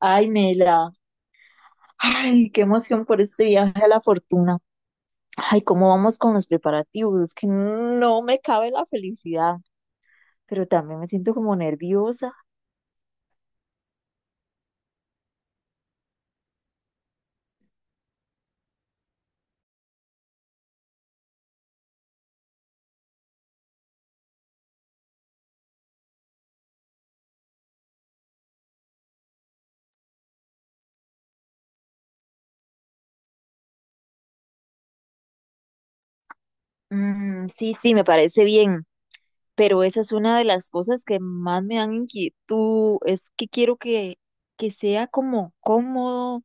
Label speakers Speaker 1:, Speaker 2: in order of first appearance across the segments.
Speaker 1: Ay, Mela, ay, qué emoción por este viaje a la fortuna. Ay, cómo vamos con los preparativos, Es que no me cabe la felicidad, pero también me siento como nerviosa. Mm, sí, sí, me parece bien, pero esa es una de las cosas que más me dan inquietud, es que quiero que sea como cómodo,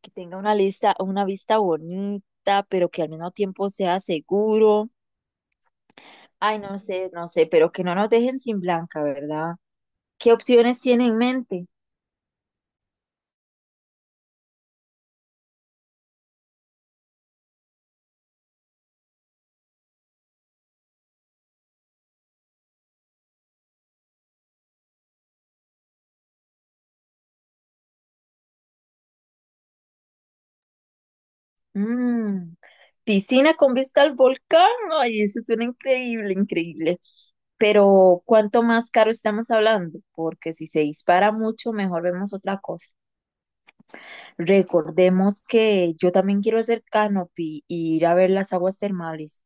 Speaker 1: que tenga una lista, una vista bonita, pero que al mismo tiempo sea seguro. Ay, no sé, no sé, pero que no nos dejen sin blanca, ¿verdad? ¿Qué opciones tiene en mente? Mm, piscina con vista al volcán. Ay, eso suena increíble, increíble. Pero, ¿cuánto más caro estamos hablando? Porque si se dispara mucho, mejor vemos otra cosa. Recordemos que yo también quiero hacer canopy y ir a ver las aguas termales.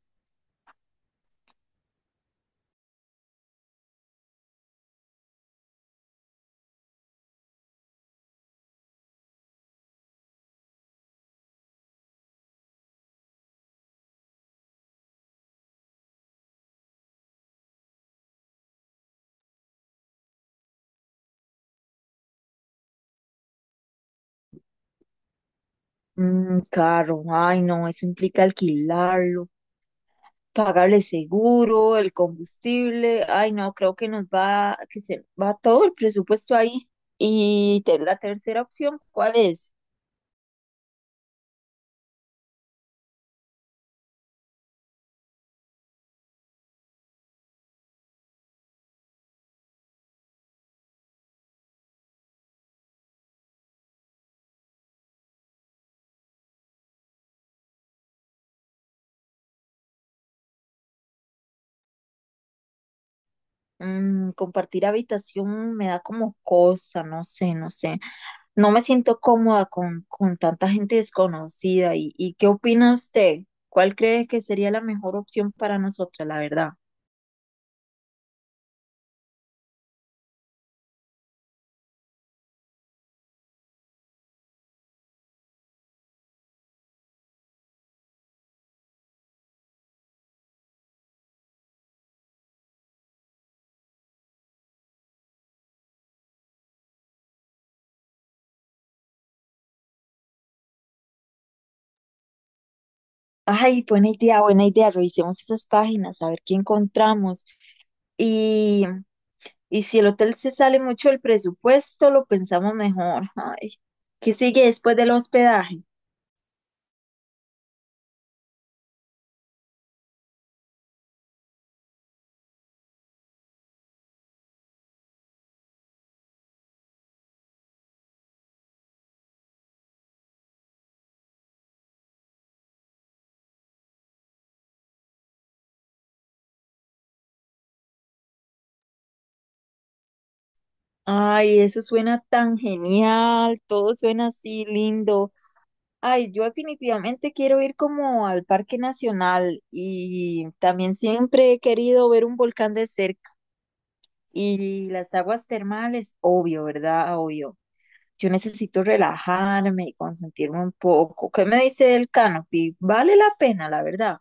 Speaker 1: Mm, caro. Ay, no, eso implica alquilarlo, pagarle seguro, el combustible. Ay, no, creo que nos va, que se va todo el presupuesto ahí. Y la tercera opción, ¿cuál es? Mm, compartir habitación me da como cosa, no sé, no sé. No me siento cómoda con tanta gente desconocida. Y qué opina usted? ¿Cuál cree que sería la mejor opción para nosotros, la verdad? Ay, buena idea, buena idea. Revisemos esas páginas, a ver qué encontramos. Y, y si el hotel se sale mucho del presupuesto, lo pensamos mejor. Ay, ¿qué sigue después del hospedaje? Ay, eso suena tan genial, todo suena así lindo. Ay, yo definitivamente quiero ir como al Parque Nacional y también siempre he querido ver un volcán de cerca y las aguas termales, obvio, ¿verdad? Obvio. Yo necesito relajarme y consentirme un poco. ¿Qué me dice el canopy? Vale la pena, la verdad.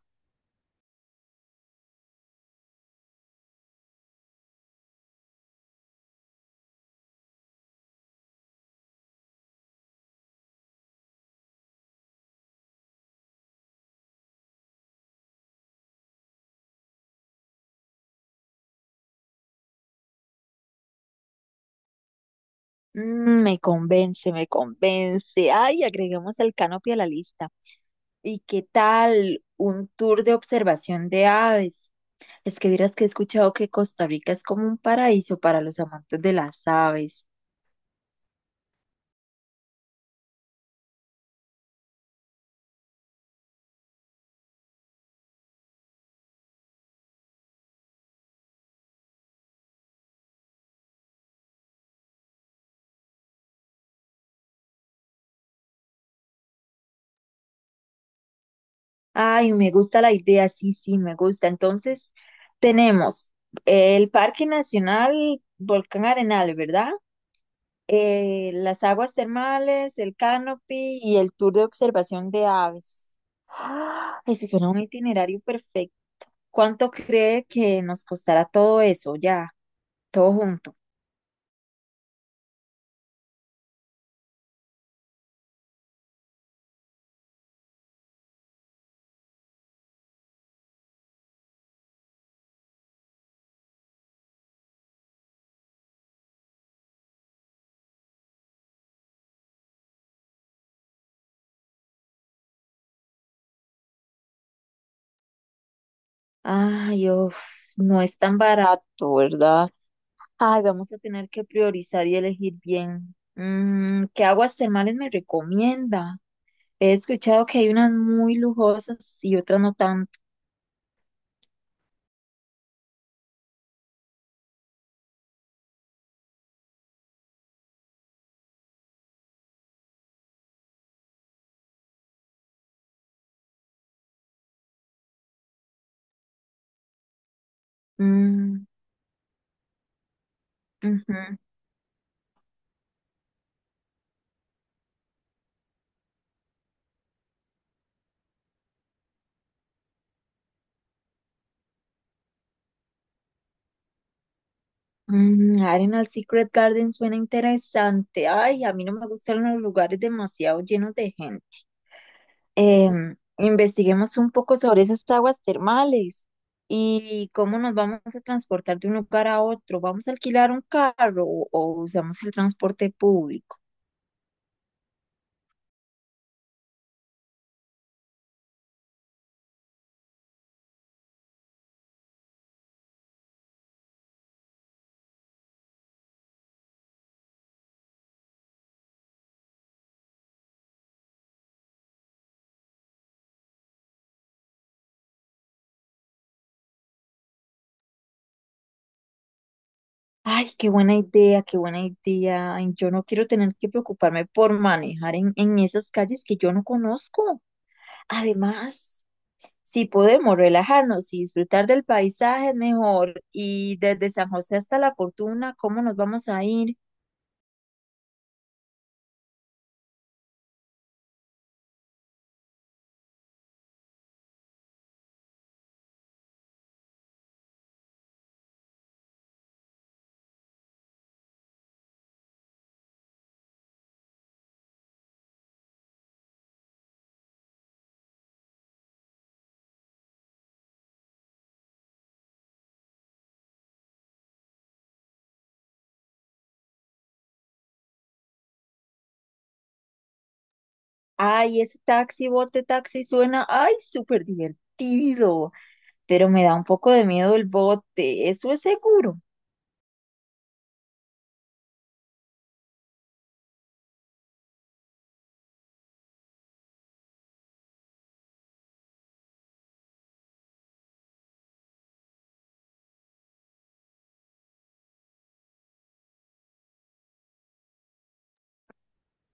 Speaker 1: Mm, me convence, me convence. Ay, agreguemos el canopy a la lista. ¿Y qué tal un tour de observación de aves? Es que vieras que he escuchado que Costa Rica es como un paraíso para los amantes de las aves. Ay, me gusta la idea, sí, sí, me gusta. Entonces, tenemos el Parque Nacional Volcán Arenal, ¿verdad? Las aguas termales, el canopy y el tour de observación de aves. ¡Ah! Eso suena un itinerario perfecto. ¿Cuánto cree que nos costará todo eso ya, todo junto? Ay, uf, no es tan barato, ¿verdad? Ay, vamos a tener que priorizar y elegir bien. Mm, ¿qué aguas termales me recomienda? He escuchado que hay unas muy lujosas y otras no tanto. Mm, ujú. Mm, Arenal Secret Garden suena interesante. Ay, a mí no me gustan los lugares demasiado llenos de gente. Em, investiguemos un poco sobre esas aguas termales y cómo nos vamos a transportar de un lugar a otro. ¿Vamos a alquilar un carro o usamos el transporte público? Ay, qué buena idea, qué buena idea. Ay, yo no quiero tener que preocuparme por manejar en esas calles que yo no conozco. Además, si podemos relajarnos y disfrutar del paisaje mejor y desde San José hasta La Fortuna, ¿cómo nos vamos a ir? Ay, ese taxi, bote taxi suena, ay, súper divertido, pero me da un poco de miedo el bote, eso es seguro.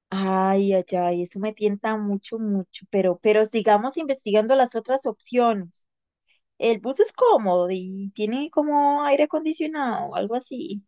Speaker 1: Ay, ay, ay, eso me tienta mucho, mucho, pero sigamos investigando las otras opciones. El bus es cómodo y tiene como aire acondicionado o algo así.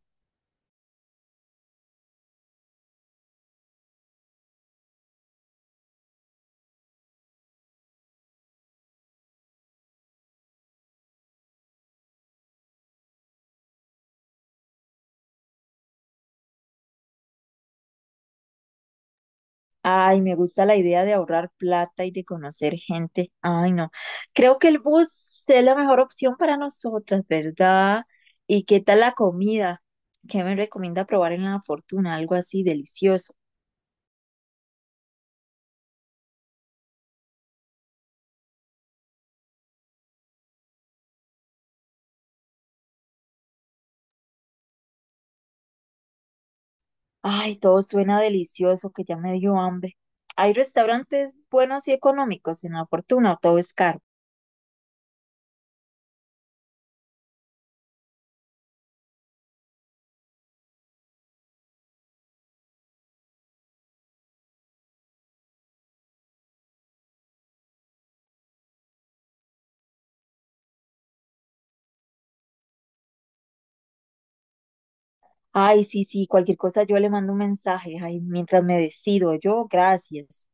Speaker 1: Ay, me gusta la idea de ahorrar plata y de conocer gente. Ay, no. Creo que el bus es la mejor opción para nosotras, ¿verdad? ¿Y qué tal la comida? ¿Qué me recomienda probar en La Fortuna? Algo así delicioso. Ay, todo suena delicioso, que ya me dio hambre. ¿Hay restaurantes buenos y económicos en La Fortuna o todo es caro? Ay, sí, sí, cualquier cosa yo le mando un mensaje. Ay, mientras me decido, yo, gracias.